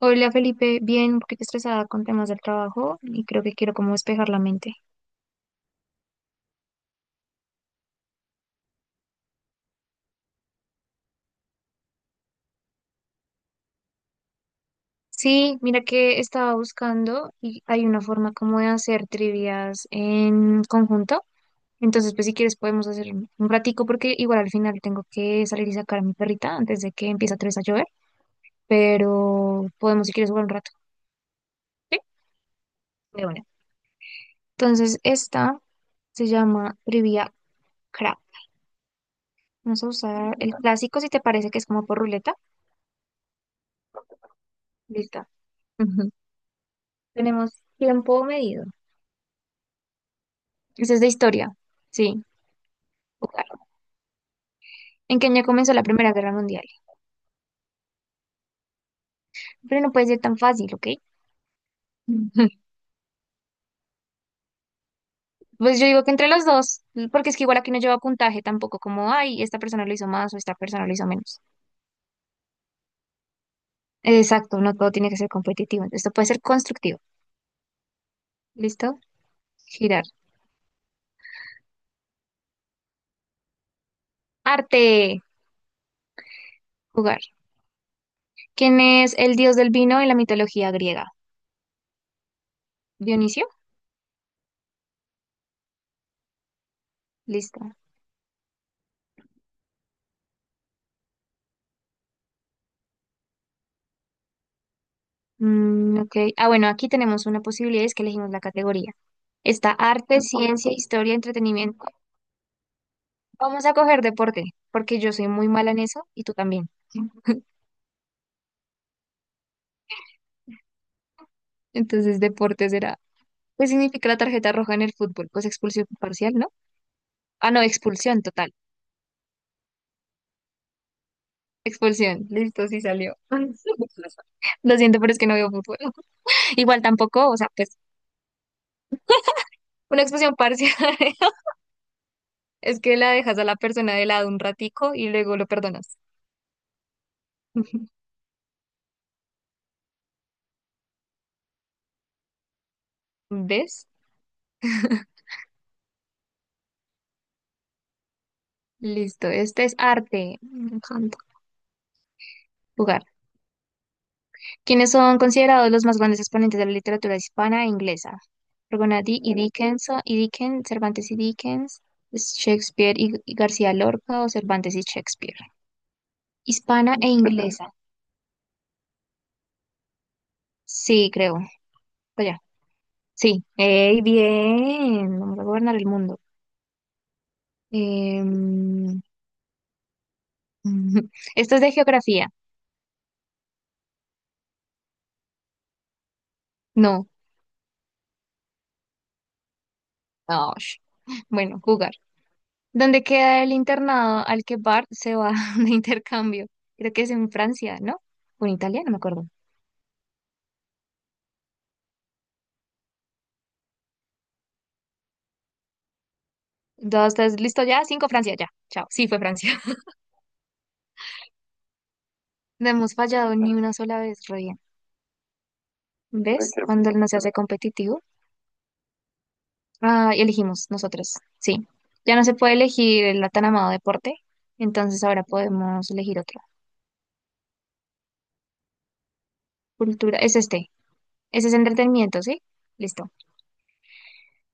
Hola Felipe, bien, un poquito estresada con temas del trabajo y creo que quiero como despejar la mente. Sí, mira que estaba buscando y hay una forma como de hacer trivias en conjunto. Entonces, pues si quieres podemos hacer un ratico porque igual al final tengo que salir y sacar a mi perrita antes de que empiece otra vez a llover, pero podemos si quieres jugar un rato. Sí, de una. Entonces, esta se llama trivia crap. Vamos a usar el clásico si te parece que es como por ruleta. Listo. Ujú. Tenemos tiempo medido. Esa es de historia. Sí. Jugar. ¿En qué año comenzó la Primera Guerra Mundial? Pero no puede ser tan fácil, ¿ok? Pues yo digo que entre los dos, porque es que igual aquí no lleva puntaje tampoco, como, ay, esta persona lo hizo más o esta persona lo hizo menos. Exacto, no todo tiene que ser competitivo. Esto puede ser constructivo. ¿Listo? Girar. Arte. Jugar. ¿Quién es el dios del vino en la mitología griega? Dionisio. Listo. Mm, ok. Ah, bueno, aquí tenemos una posibilidad, es que elegimos la categoría. Está arte, ciencia, historia, entretenimiento. Vamos a coger deporte, porque yo soy muy mala en eso y tú también. Entonces, deporte será. ¿Qué significa la tarjeta roja en el fútbol? Pues expulsión parcial, ¿no? Ah, no, expulsión total. Expulsión. Listo, sí salió. Lo siento, pero es que no veo fútbol. Igual tampoco, o sea, pues una expulsión parcial es que la dejas a la persona de lado un ratico y luego lo perdonas. ¿Ves? Listo, este es arte. Me encanta jugar. ¿Quienes son considerados los más grandes exponentes de la literatura hispana e inglesa? Rogonati y Dickens, Cervantes y Dickens, Shakespeare y García Lorca o Cervantes y Shakespeare. Hispana e inglesa. Sí, creo. Vaya. Sí. ¡Ey, bien! Vamos a gobernar el mundo. Em, Esto es de geografía. No. No. Bueno, jugar. ¿Dónde queda el internado al que Bart se va de intercambio? Creo que es en Francia, ¿no? O en Italia, no me acuerdo. Dos, tres, listo, ya. Cinco, Francia, ya. Chao. Sí, fue Francia. No hemos fallado ni una sola vez, re bien. ¿Ves? Cuando no se hace competitivo. Ah, y elegimos nosotros. Sí. Ya no se puede elegir el tan amado deporte. Entonces ahora podemos elegir otro. Cultura. Es este. Ese es entretenimiento, ¿sí? Listo.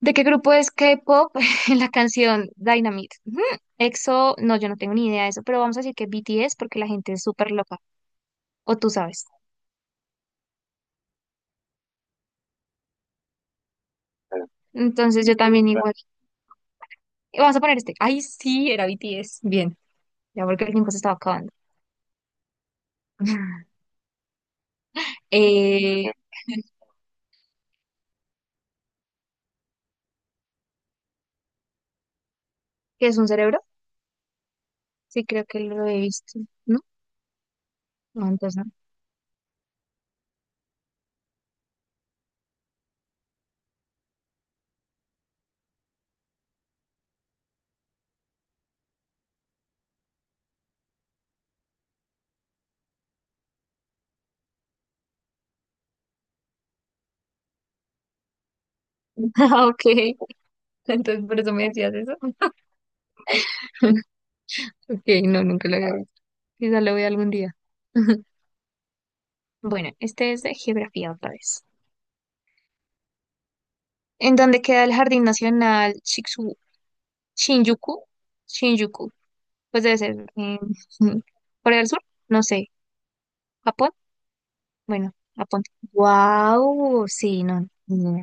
¿De qué grupo es K-pop en la canción Dynamite? Ujú. EXO, no, yo no tengo ni idea de eso, pero vamos a decir que BTS porque la gente es súper loca. O tú sabes. Entonces yo también. Vamos a poner este. Ay, sí, era BTS. Bien, ya porque el tiempo se estaba acabando. Eh, ¿Qué es un cerebro? Sí, creo que lo he visto. ¿No? No, entonces no. Ah, ok, entonces por eso me decías eso. Ok, no, nunca lo había visto. Quizá lo vea algún día. Bueno, este es de geografía otra vez. ¿En dónde queda el Jardín Nacional Shinjuku? Shinjuku. Pues debe ser en Corea del Sur. No sé. ¿Japón? Bueno, apunta. Wow, sí, no, ni idea.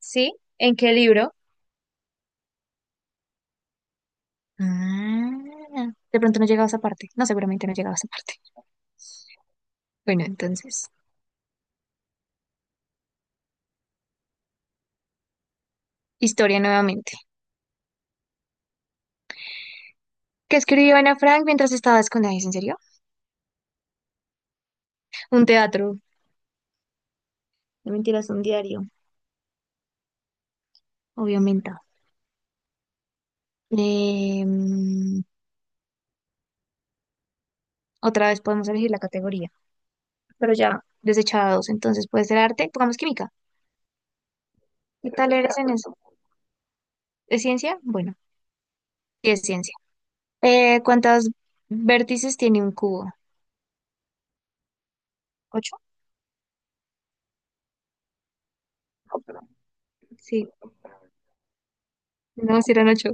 ¿Sí? ¿En qué libro? Ah, de pronto no llegaba a esa parte. No, seguramente no llegaba a esa parte. Bueno, entonces, historia nuevamente. ¿Qué escribió Ana Frank mientras estaba escondida? ¿Es en serio? Un teatro. No mentiras, un diario, obviamente. Em, Otra vez podemos elegir la categoría, pero ya desechados. Entonces, puede ser arte, pongamos química. ¿Qué tal eres en eso? ¿Es ciencia? Bueno, sí es ciencia. ¿Cuántos vértices tiene un cubo? ¿Ocho? Sí. No, si eran ocho.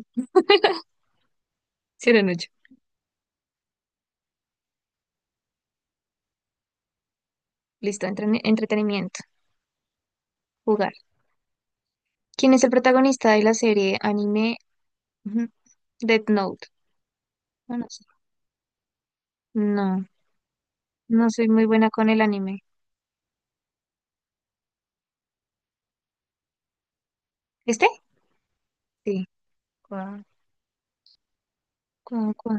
Si eran ocho. Listo, entretenimiento. Jugar. ¿Quién es el protagonista de la serie anime, ujú, Death Note? No, no sé. No, no soy muy buena con el anime. ¿Este? Sí. Cua- cua.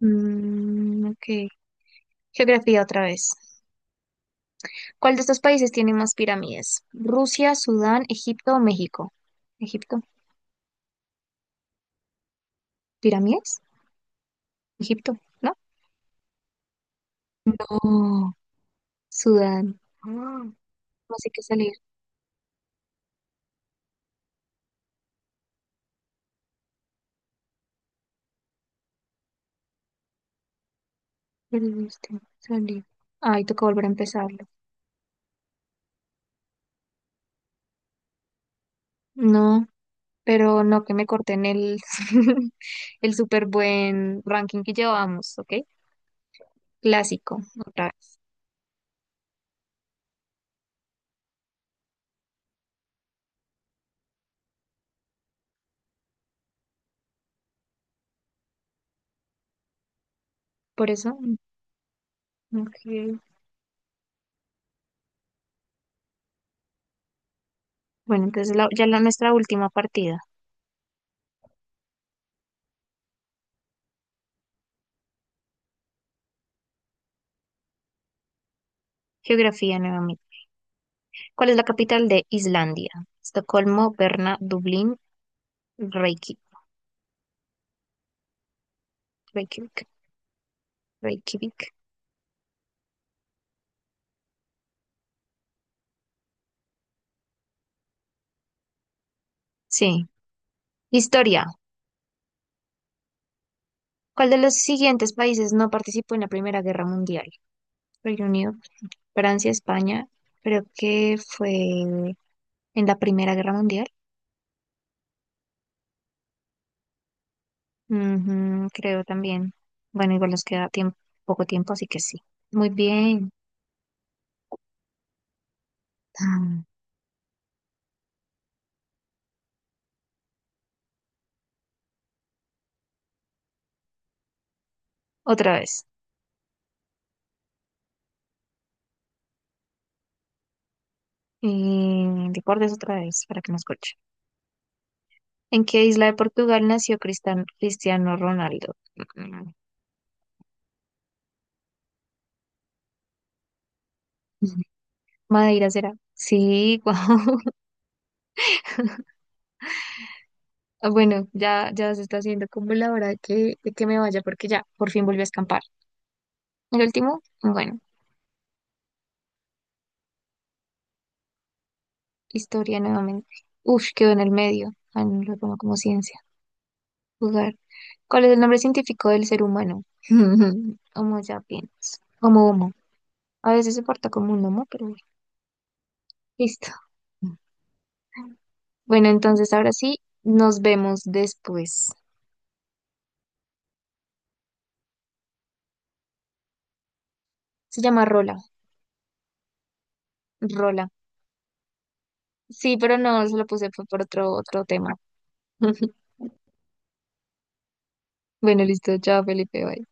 Mm, ok. Geografía otra vez. ¿Cuál de estos países tiene más pirámides? ¿Rusia, Sudán, Egipto o México? ¿Egipto? ¿Pirámides? ¿Egipto? ¿No? No. Sudán. Ah, así que salir, perdiste, salir. Ay, toca volver a empezarlo. No, pero no que me corten el, el súper buen ranking que llevamos, ¿ok? Clásico, otra vez. Por eso, mm, ok. Bueno, entonces ya la nuestra última partida. Geografía nuevamente. ¿Cuál es la capital de Islandia? Estocolmo, Berna, Dublín, Reiki- Reykjavik, Reykjavik. Sí. Historia. ¿Cuál de los siguientes países no participó en la Primera Guerra Mundial? Reino Unido, Francia, España. Creo que fue en la Primera Guerra Mundial. Ujú, creo también. Bueno, igual nos queda tiempo, poco tiempo, así que sí. Muy bien. Ah, otra vez. Y deportes otra vez para que me escuche. ¿En qué isla de Portugal nació Cristiano Ronaldo? Mm, Madeira será. Sí, wow. Ah, bueno, ya, ya se está haciendo como la hora que, de que me vaya porque ya, por fin volví a escampar. El último, bueno, historia nuevamente. Uf, quedó en el medio. Ah, no lo pongo como ciencia. Jugar. ¿Cuál es el nombre científico del ser humano? Homo sapiens. Homo homo. A veces se porta como un homo, pero bueno, listo. Bueno, entonces ahora sí, nos vemos después. Se llama Rola. Rola. Sí, pero no, se lo puse fue por otro, otro tema. Bueno, listo. Chao, Felipe. Bye.